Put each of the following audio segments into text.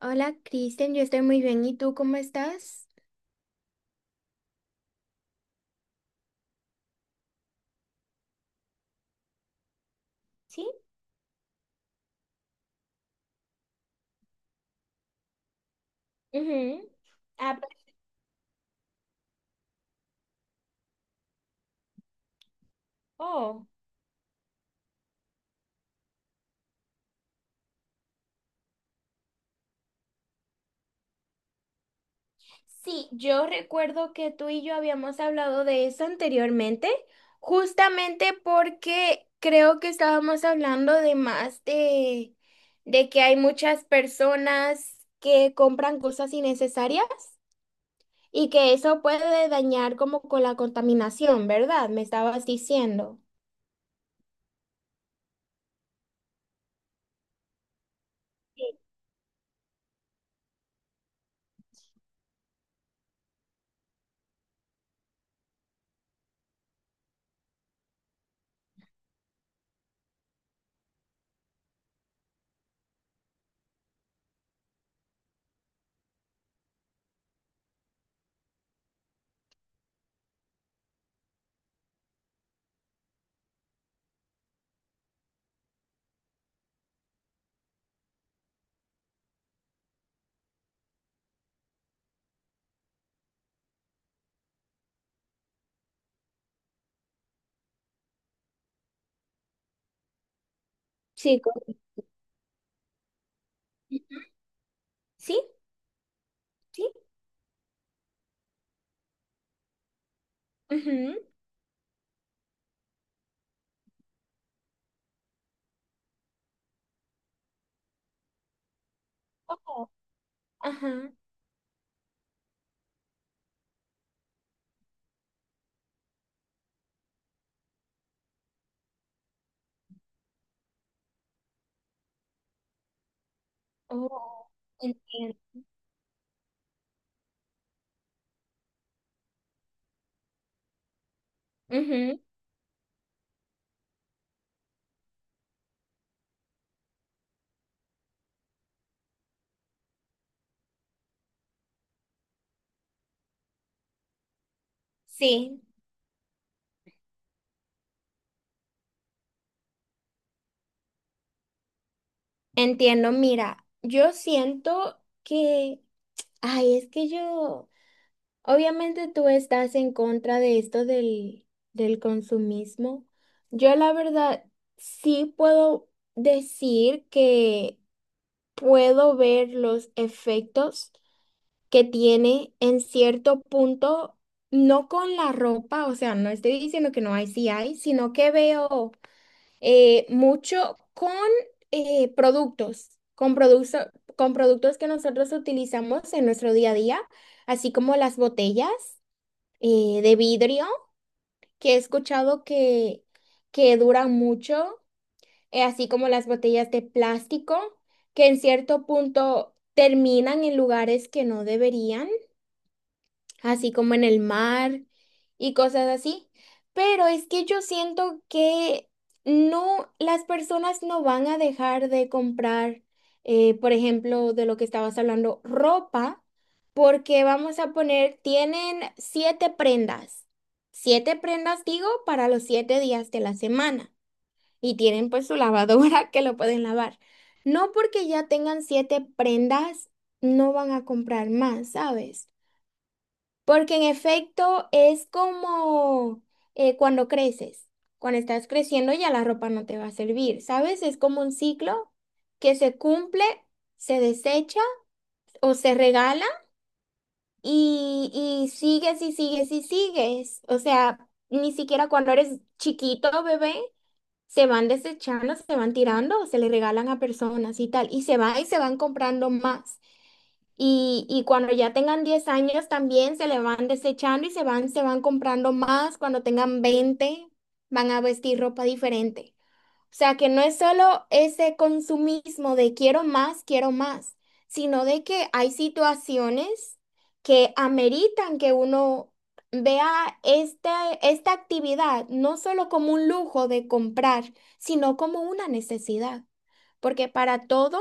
Hola, Kristen, yo estoy muy bien. ¿Y tú cómo estás? Sí. Ujú. Oh. Sí, yo recuerdo que tú y yo habíamos hablado de eso anteriormente, justamente porque creo que estábamos hablando de más de que hay muchas personas que compran cosas innecesarias y que eso puede dañar como con la contaminación, ¿verdad? Me estabas diciendo. Sí. Sí, correcto. Sí, sí. Ujú. Oh. Ajá. Oh, entiendo. Ujú. Sí, entiendo. Mira, yo siento que, ay, es que yo, obviamente tú estás en contra de esto del consumismo. Yo la verdad sí puedo decir que puedo ver los efectos que tiene en cierto punto, no con la ropa, o sea, no estoy diciendo que no hay, sí hay, sino que veo. Mucho con productos, con productos que nosotros utilizamos en nuestro día a día, así como las botellas de vidrio, que he escuchado que duran mucho, así como las botellas de plástico, que en cierto punto terminan en lugares que no deberían, así como en el mar y cosas así. Pero es que yo siento que no, las personas no van a dejar de comprar, por ejemplo, de lo que estabas hablando, ropa, porque vamos a poner, tienen siete prendas digo, para los 7 días de la semana. Y tienen pues su lavadora que lo pueden lavar. No porque ya tengan siete prendas, no van a comprar más, ¿sabes? Porque en efecto es como cuando creces. Cuando estás creciendo ya la ropa no te va a servir, ¿sabes? Es como un ciclo que se cumple, se desecha o se regala y, y sigues y sigues y sigues. O sea, ni siquiera cuando eres chiquito, bebé, se van desechando, se van tirando, se le regalan a personas y tal. Y se van comprando más. Y cuando ya tengan 10 años también se le van desechando y se van comprando más. Cuando tengan 20 van a vestir ropa diferente. O sea que no es solo ese consumismo de quiero más, sino de que hay situaciones que ameritan que uno vea esta actividad no solo como un lujo de comprar, sino como una necesidad. Porque para todo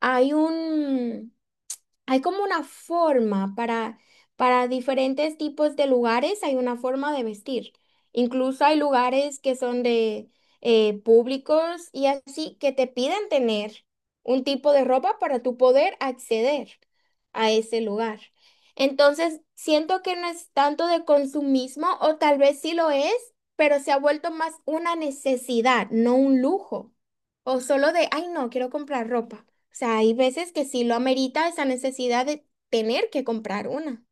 hay un... Hay como una forma para diferentes tipos de lugares, hay una forma de vestir. Incluso hay lugares que son de públicos y así, que te piden tener un tipo de ropa para tú poder acceder a ese lugar. Entonces, siento que no es tanto de consumismo o tal vez sí lo es, pero se ha vuelto más una necesidad, no un lujo. O solo de, ay, no, quiero comprar ropa. O sea, hay veces que sí lo amerita esa necesidad de tener que comprar una.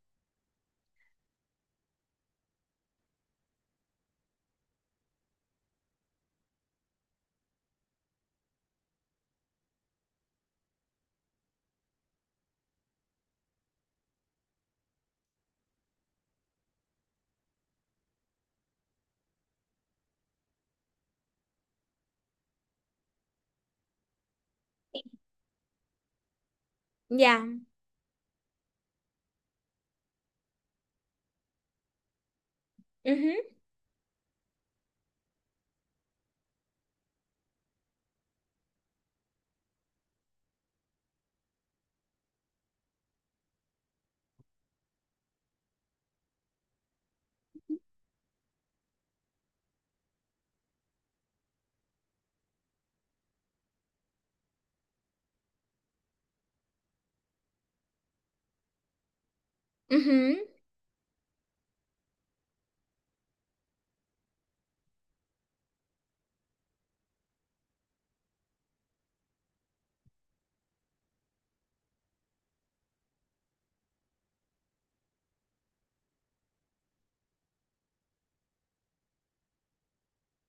Ya. Ujú, ujú.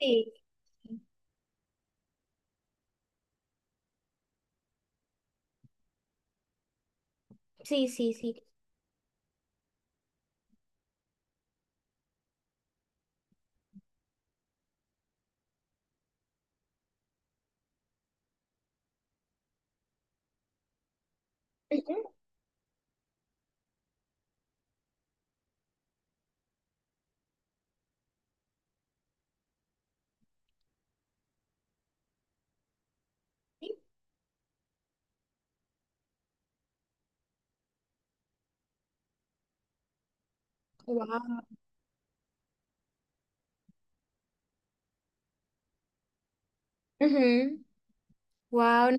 Sí, sí, sí, sí. Wow. Wow,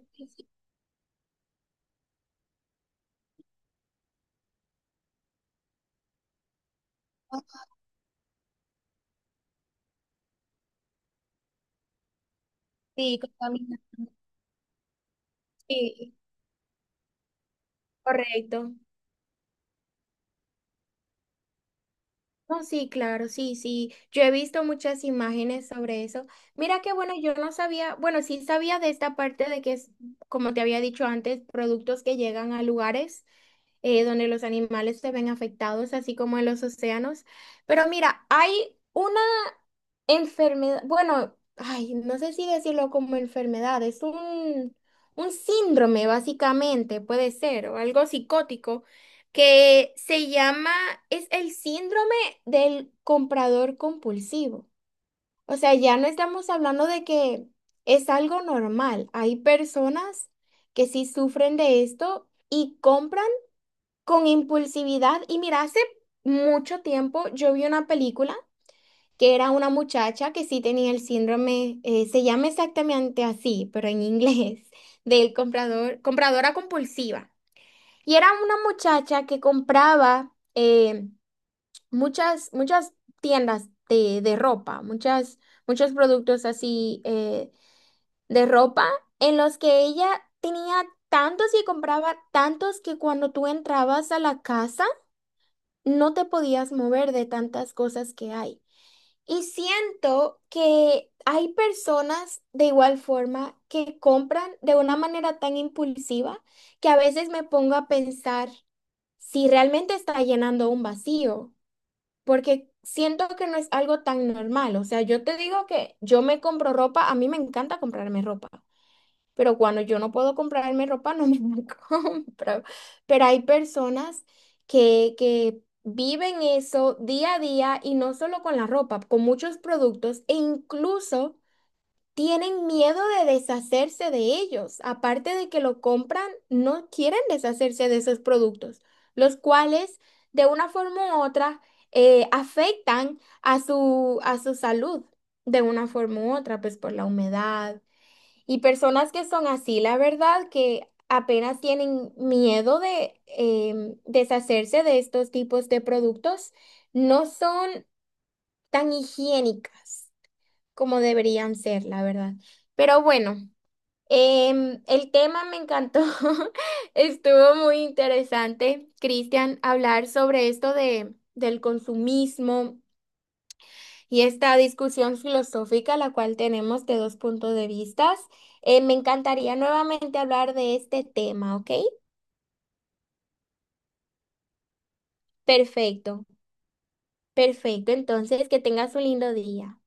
sí, contaminante. Sí, correcto. No, sí, claro, sí, sí. Yo he visto muchas imágenes sobre eso. Mira que bueno, yo no sabía, bueno, sí sabía de esta parte de que es, como te había dicho antes, productos que llegan a lugares donde los animales se ven afectados, así como en los océanos. Pero mira, hay una enfermedad, bueno, ay, no sé si decirlo como enfermedad, es un síndrome básicamente, puede ser, o algo psicótico, que se llama, es el síndrome del comprador compulsivo. O sea, ya no estamos hablando de que es algo normal. Hay personas que sí sufren de esto y compran con impulsividad. Y mira, hace mucho tiempo yo vi una película que era una muchacha que sí tenía el síndrome, se llama exactamente así, pero en inglés, del comprador, compradora compulsiva. Y era una muchacha que compraba muchas, muchas tiendas de ropa, muchas, muchos productos así, de ropa, en los que ella tenía tantos y compraba tantos que cuando tú entrabas a la casa, no te podías mover de tantas cosas que hay. Y siento que hay personas de igual forma que compran de una manera tan impulsiva que a veces me pongo a pensar si realmente está llenando un vacío, porque siento que no es algo tan normal. O sea, yo te digo que yo me compro ropa, a mí me encanta comprarme ropa, pero cuando yo no puedo comprarme ropa, no me la compro. Pero hay personas que viven eso día a día y no solo con la ropa, con muchos productos e incluso tienen miedo de deshacerse de ellos. Aparte de que lo compran, no quieren deshacerse de esos productos, los cuales de una forma u otra afectan a su salud. De una forma u otra, pues por la humedad, y personas que son así, la verdad que apenas tienen miedo de deshacerse de estos tipos de productos, no son tan higiénicas como deberían ser, la verdad. Pero bueno, el tema me encantó, estuvo muy interesante, Cristian, hablar sobre esto del consumismo y esta discusión filosófica, la cual tenemos de dos puntos de vistas. Me encantaría nuevamente hablar de este tema, ¿ok? Perfecto, perfecto. Entonces, que tengas un lindo día.